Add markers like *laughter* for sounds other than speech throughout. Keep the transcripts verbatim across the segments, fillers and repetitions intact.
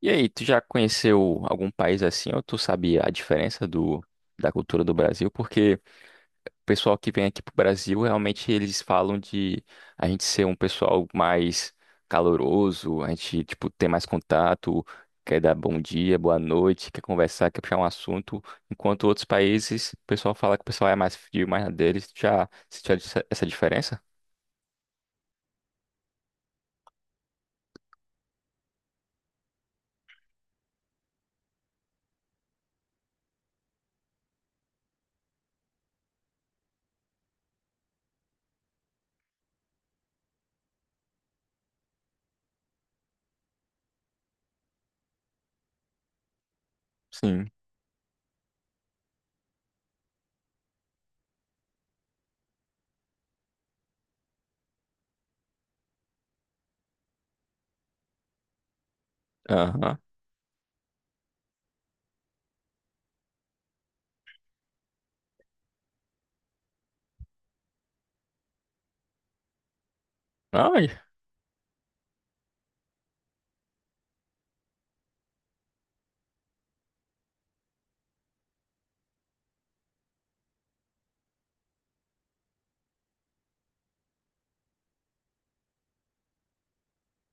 E aí, tu já conheceu algum país assim, ou tu sabe a diferença do, da cultura do Brasil? Porque o pessoal que vem aqui pro Brasil, realmente eles falam de a gente ser um pessoal mais caloroso, a gente, tipo, ter mais contato, quer dar bom dia, boa noite, quer conversar, quer puxar um assunto, enquanto outros países, o pessoal fala que o pessoal é mais frio, mais na deles. Tu já sentiu essa essa diferença? Sim. Aham. Ai,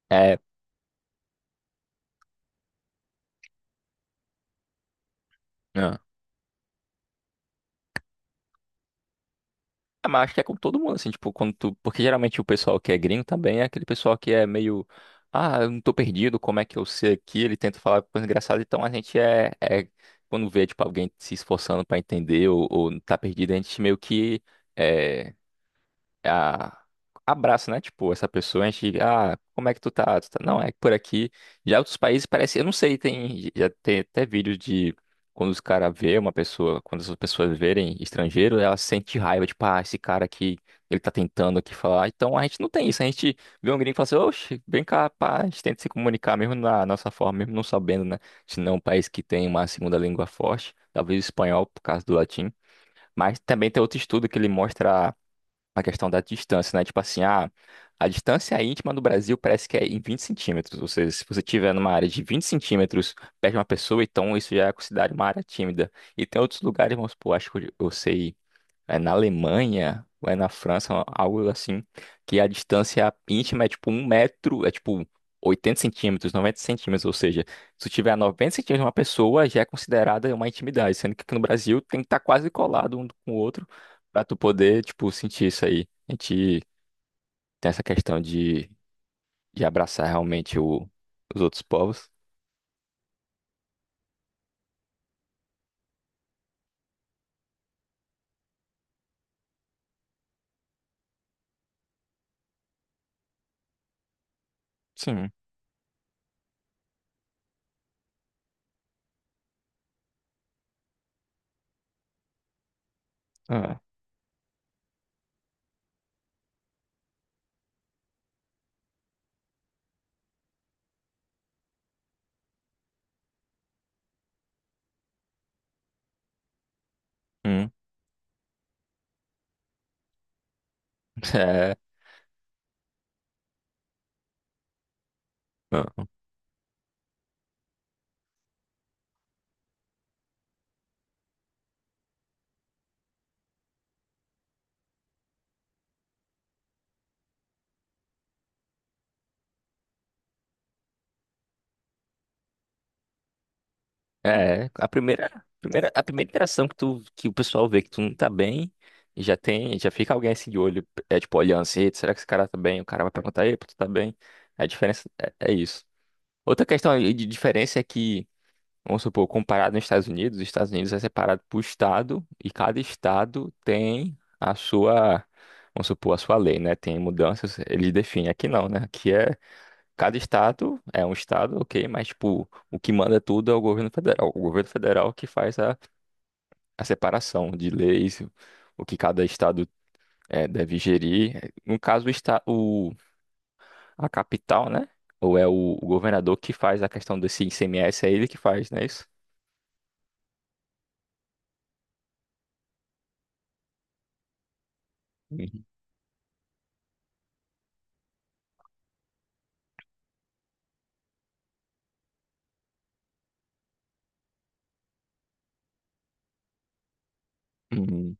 é. É, mas acho que é com todo mundo, assim, tipo, quando tu... porque geralmente o pessoal que é gringo também é aquele pessoal que é meio. Ah, eu não tô perdido, como é que eu sei aqui? Ele tenta falar coisa engraçada, então a gente é... é... quando vê, tipo, alguém se esforçando pra entender ou, ou tá perdido, a gente meio que é, a- abraça, né? Tipo, essa pessoa, a gente, ah, como é que tu tá? Tu tá? Não, é por aqui. Já outros países parece, eu não sei, tem, já tem até vídeos de quando os caras vê uma pessoa, quando as pessoas verem estrangeiro, ela sente raiva, tipo, ah, esse cara aqui, ele tá tentando aqui falar. Então a gente não tem isso, a gente vê um gringo e fala assim, oxe, vem cá, pá, a gente tenta se comunicar mesmo na nossa forma, mesmo não sabendo, né? Se não é um país que tem uma segunda língua forte, talvez o espanhol por causa do latim. Mas também tem outro estudo que ele mostra a questão da distância, né? Tipo assim, ah, a distância íntima no Brasil parece que é em vinte centímetros. Ou seja, se você estiver numa área de vinte centímetros perto de uma pessoa, então isso já é considerado uma área tímida. E tem outros lugares, vamos supor, acho que eu eu sei é na Alemanha ou é na França, algo assim, que a distância íntima é tipo um metro, é tipo oitenta centímetros, noventa centímetros, ou seja, se tu tiver a noventa centímetros de uma pessoa, já é considerada uma intimidade, sendo que aqui no Brasil tem que estar quase colado um com o outro pra tu poder, tipo, sentir isso aí. A gente tem essa questão de, de abraçar realmente o, os outros povos. Sim. Ah. Hum. *laughs* É. Hum. É, a primeira, a primeira, a primeira interação que tu, que o pessoal vê que tu não tá bem, e já tem, já fica alguém assim de olho, é tipo olhando assim: "Eita, será que esse cara tá bem?" O cara vai perguntar: "Epa, tu tá bem?" A diferença é, é isso. Outra questão aí de diferença é que, vamos supor, comparado nos Estados Unidos, os Estados Unidos é separado por estado, e cada estado tem a sua, vamos supor, a sua lei, né? Tem mudanças, eles definem. Aqui não, né? Aqui é Cada estado é um estado, ok, mas tipo, o que manda tudo é o governo federal. O governo federal que faz a, a separação de leis, o que cada estado eh, deve gerir. No caso, o, esta- o- a capital, né? Ou é o, o governador que faz a questão desse I C M S, é ele que faz, não é isso? Uhum. Uhum.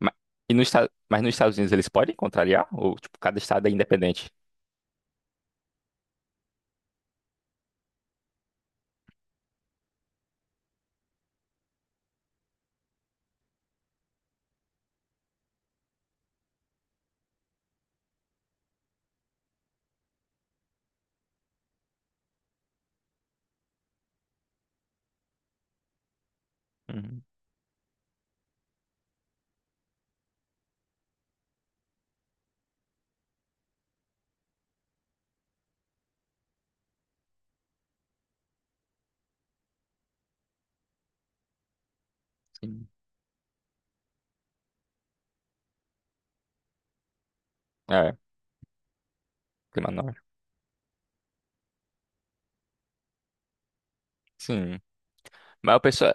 Ma- e no estado, mas nos Estados Unidos eles podem contrariar? Ou tipo, cada estado é independente? Uhum, sim. É, clima norte. Sim. Mas o pessoal,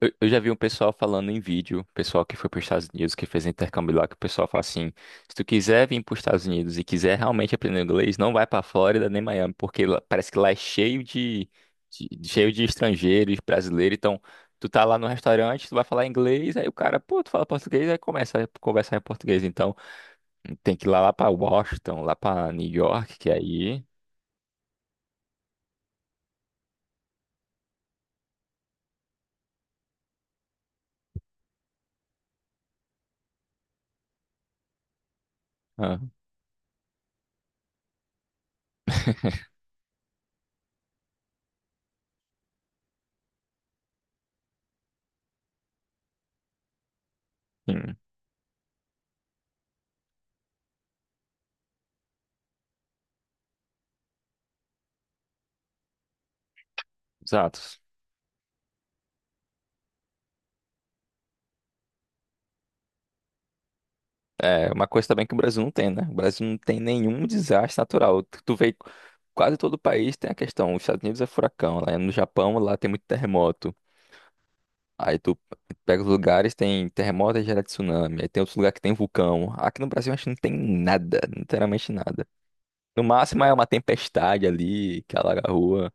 Eu, eu já vi um pessoal falando em vídeo, pessoal que foi para os Estados Unidos, que fez intercâmbio lá, que o pessoal fala assim: se tu quiser vir para os Estados Unidos e quiser realmente aprender inglês, não vai para Flórida nem Miami, porque lá- parece que lá é cheio de, de- cheio de estrangeiros, brasileiros. Então, tu tá lá no restaurante, tu vai falar inglês, aí o cara, pô, tu fala português, aí começa a conversar em português. Então, tem que ir lá, lá para Washington, lá para New York, que aí. Ah, sim, exato. É, uma coisa também que o Brasil não tem, né? O Brasil não tem nenhum desastre natural. Tu tu vê, quase todo o país tem a questão. Os Estados Unidos é furacão, lá no Japão, lá tem muito terremoto. Aí tu pega os lugares, tem terremoto e gera tsunami. Aí tem outros lugares que tem vulcão. Aqui no Brasil a gente não tem nada, literalmente nada. No máximo é uma tempestade ali que alaga a rua.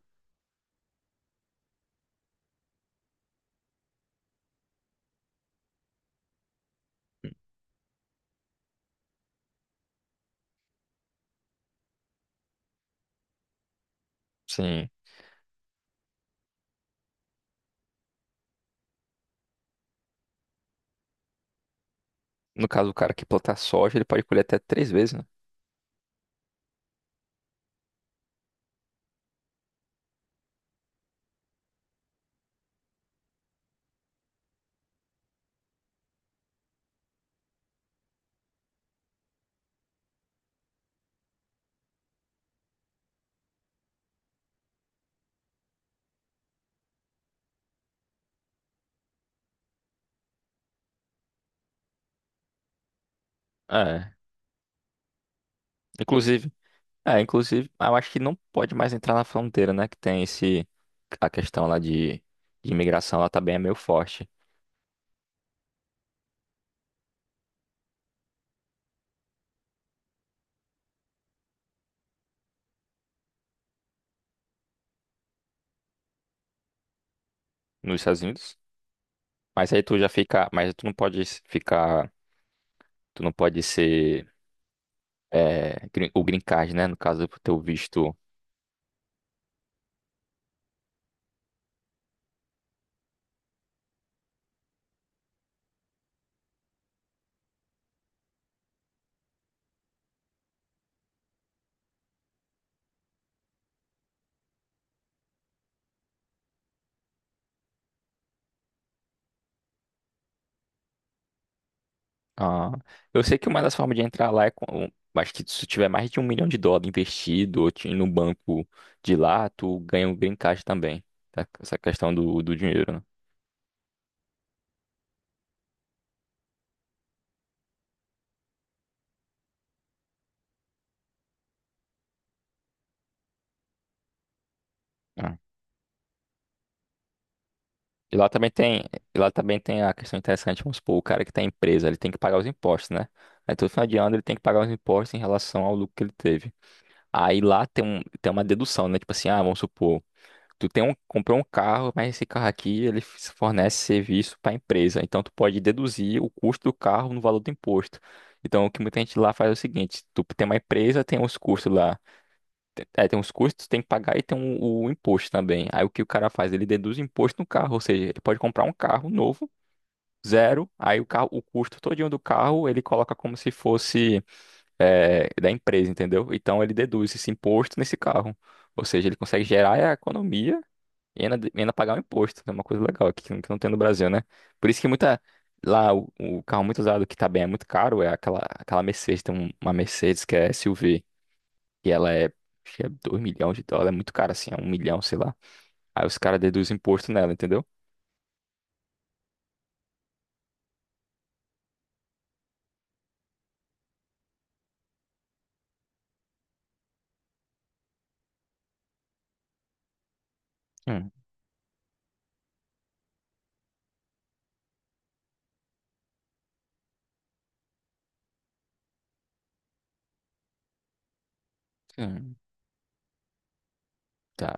Sim. No caso, o cara que plantar soja, ele pode colher até três vezes, né? É. Inclusive, É, inclusive, eu acho que não pode mais entrar na fronteira, né? Que tem esse. A questão lá de, de imigração, ela também é meio forte nos Estados Unidos. Mas aí tu já fica. Mas tu não pode ficar. Tu não pode ser. É, green- o green card, né? No caso do teu visto. Ah, eu sei que uma das formas de entrar lá é com. Acho que se tu tiver mais de um milhão de dólares investido ou ti- no banco de lá, tu ganha o green card também. Tá? Essa questão do, do dinheiro, né? Ah. E lá também tem, e lá também tem a questão interessante, vamos supor, o cara que tem a empresa, ele tem que pagar os impostos, né? Aí todo final de ano ele tem que pagar os impostos em relação ao lucro que ele teve. Aí lá tem, um, tem uma dedução, né? Tipo assim, ah, vamos supor, tu tem um, comprou um carro, mas esse carro aqui ele f- fornece serviço para a empresa. Então tu pode deduzir o custo do carro no valor do imposto. Então o que muita gente lá faz é o seguinte, tu tem uma empresa, tem os custos lá tem- É, tem uns custos, tem que pagar e tem o, o imposto também. Aí o que o cara faz? Ele deduz imposto no carro, ou seja, ele pode comprar um carro novo, zero, aí o carro, o custo todinho do carro ele coloca como se fosse, é, da empresa, entendeu? Então ele deduz esse imposto nesse carro. Ou seja, ele consegue gerar a economia e ainda, e ainda pagar o imposto. É uma coisa legal aqui que não que não tem no Brasil, né? Por isso que muita. Lá o, o carro muito usado que tá bem é muito caro, é aquela, aquela Mercedes, tem um- uma Mercedes que é suv, que ela é, acho que é dois milhões de dólares, é muito cara assim, é um milhão, sei lá. Aí os caras deduzem imposto nela, entendeu? Hum, hum, tá.